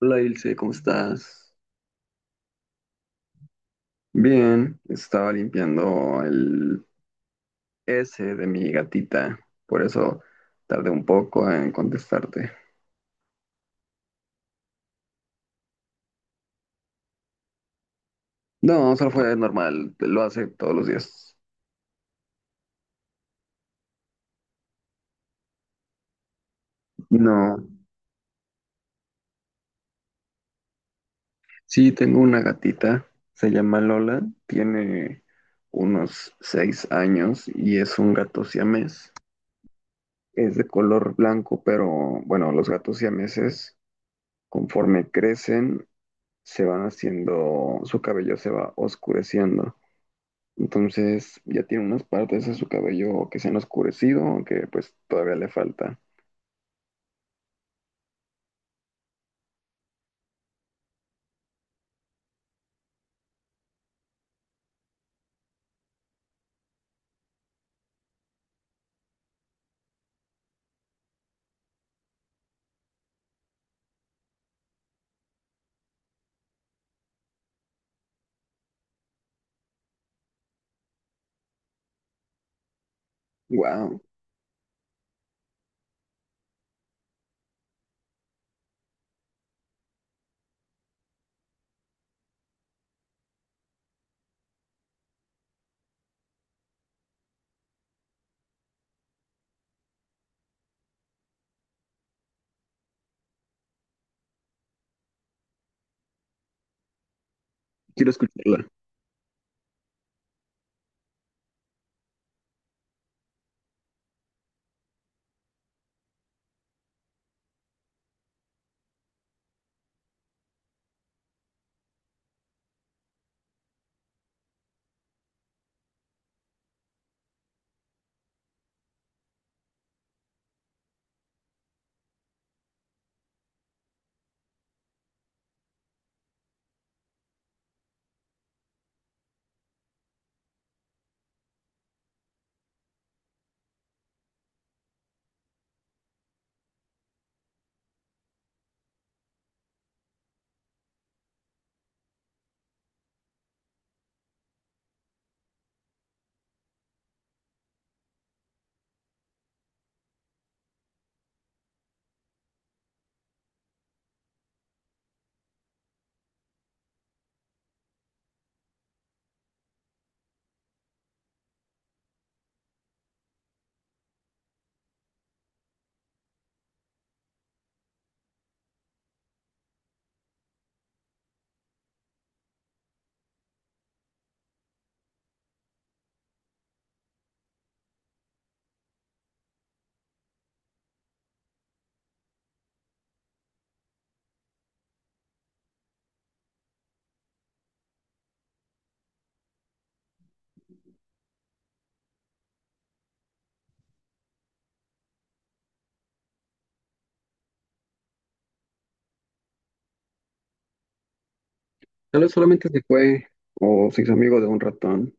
Hola Ilse, ¿cómo estás? Bien, estaba limpiando el S de mi gatita, por eso tardé un poco en contestarte. No, solo fue normal, lo hace todos los días. No, sí, tengo una gatita, se llama Lola, tiene unos 6 años y es un gato siamés. Es de color blanco, pero bueno, los gatos siameses, conforme crecen, se van haciendo, su cabello se va oscureciendo. Entonces ya tiene unas partes de su cabello que se han oscurecido, que pues todavía le falta. Wow, quiero escucharla. Tal vez solamente se fue o se hizo amigo de un ratón.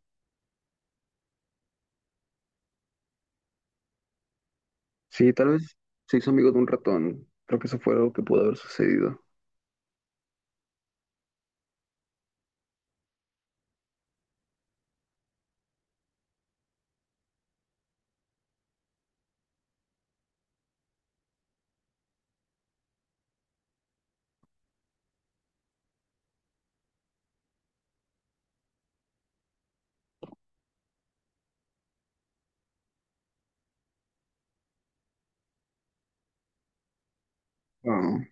Sí, tal vez se hizo amigo de un ratón. Creo que eso fue algo que pudo haber sucedido. Ah,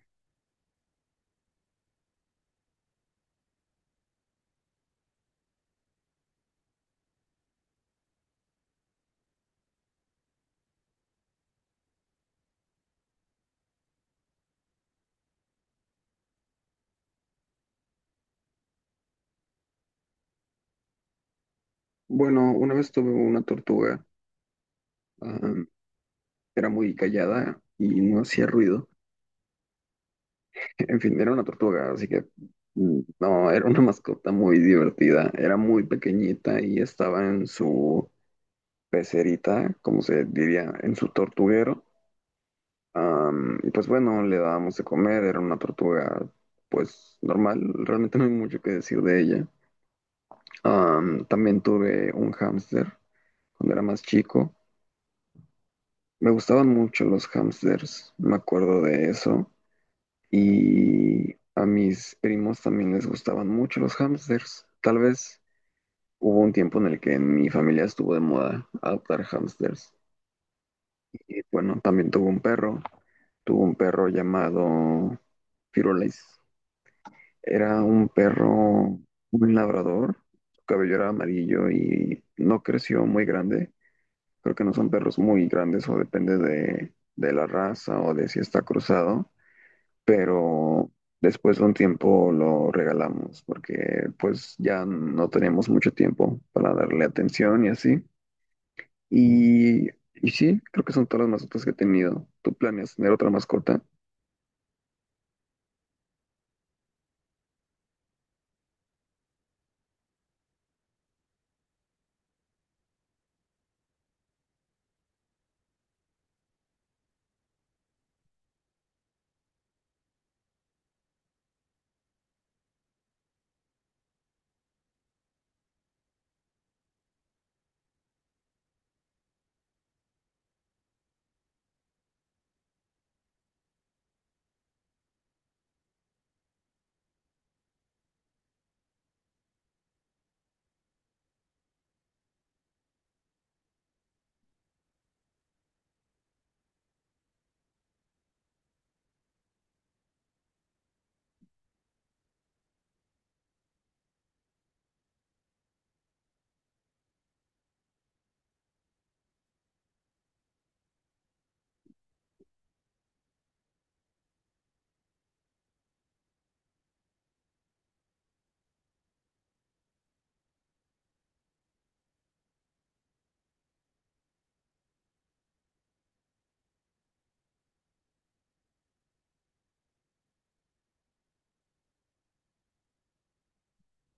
bueno, una vez tuve una tortuga. ah, Era muy callada y no hacía ruido. En fin, era una tortuga, así que no, era una mascota muy divertida. Era muy pequeñita y estaba en su pecerita, como se diría, en su tortuguero. Y pues bueno, le dábamos de comer, era una tortuga pues normal, realmente no hay mucho que decir de ella. También tuve un hámster cuando era más chico. Me gustaban mucho los hámsters, me acuerdo de eso. Y a mis primos también les gustaban mucho los hámsters. Tal vez hubo un tiempo en el que en mi familia estuvo de moda adoptar hámsters. Y bueno, también tuvo un perro. Tuvo un perro llamado Firulais. Era un perro, un labrador. Su cabello era amarillo y no creció muy grande. Creo que no son perros muy grandes o depende de la raza o de si está cruzado. Pero después de un tiempo lo regalamos porque pues ya no teníamos mucho tiempo para darle atención y así. Y, y sí, creo que son todas las mascotas que he tenido. ¿Tú planeas tener otra mascota?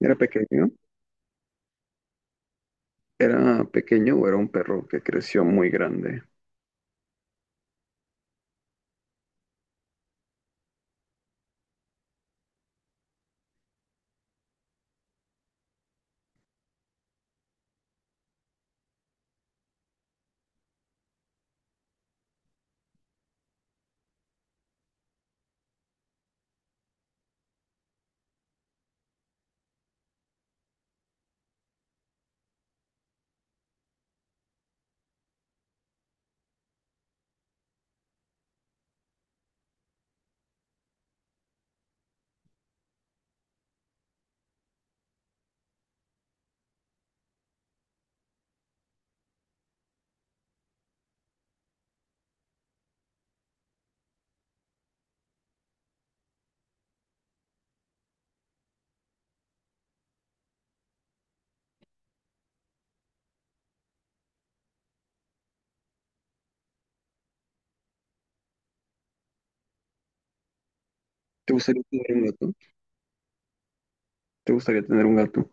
¿Era pequeño? ¿Era pequeño o era un perro que creció muy grande? ¿Te gustaría tener un gato? ¿Te gustaría tener un gato?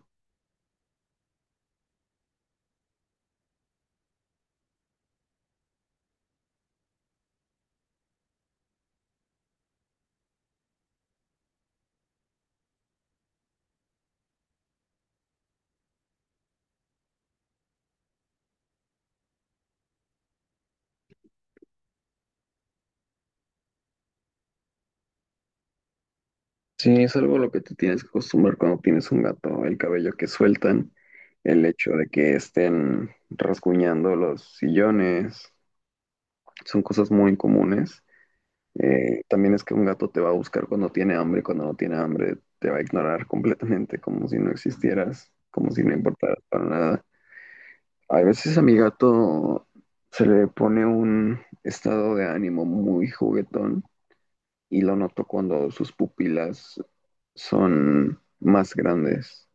Sí, es algo a lo que te tienes que acostumbrar cuando tienes un gato, el cabello que sueltan, el hecho de que estén rasguñando los sillones, son cosas muy comunes. También es que un gato te va a buscar cuando tiene hambre, cuando no tiene hambre te va a ignorar completamente, como si no existieras, como si no importaras para nada. A veces a mi gato se le pone un estado de ánimo muy juguetón y lo noto cuando sus pupilas son más grandes.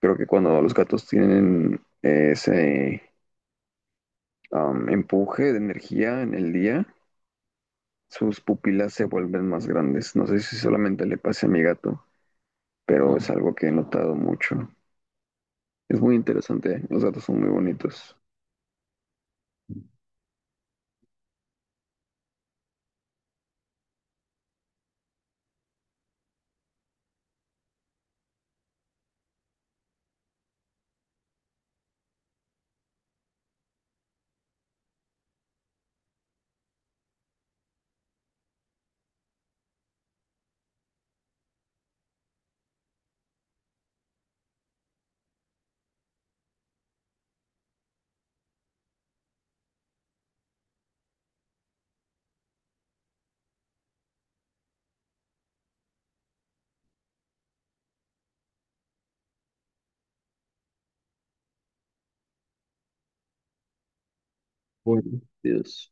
Creo que cuando los gatos tienen ese empuje de energía en el día, sus pupilas se vuelven más grandes. No sé si solamente le pase a mi gato, pero es algo que he notado mucho. Es muy interesante, los datos son muy bonitos. Bueno, Dios.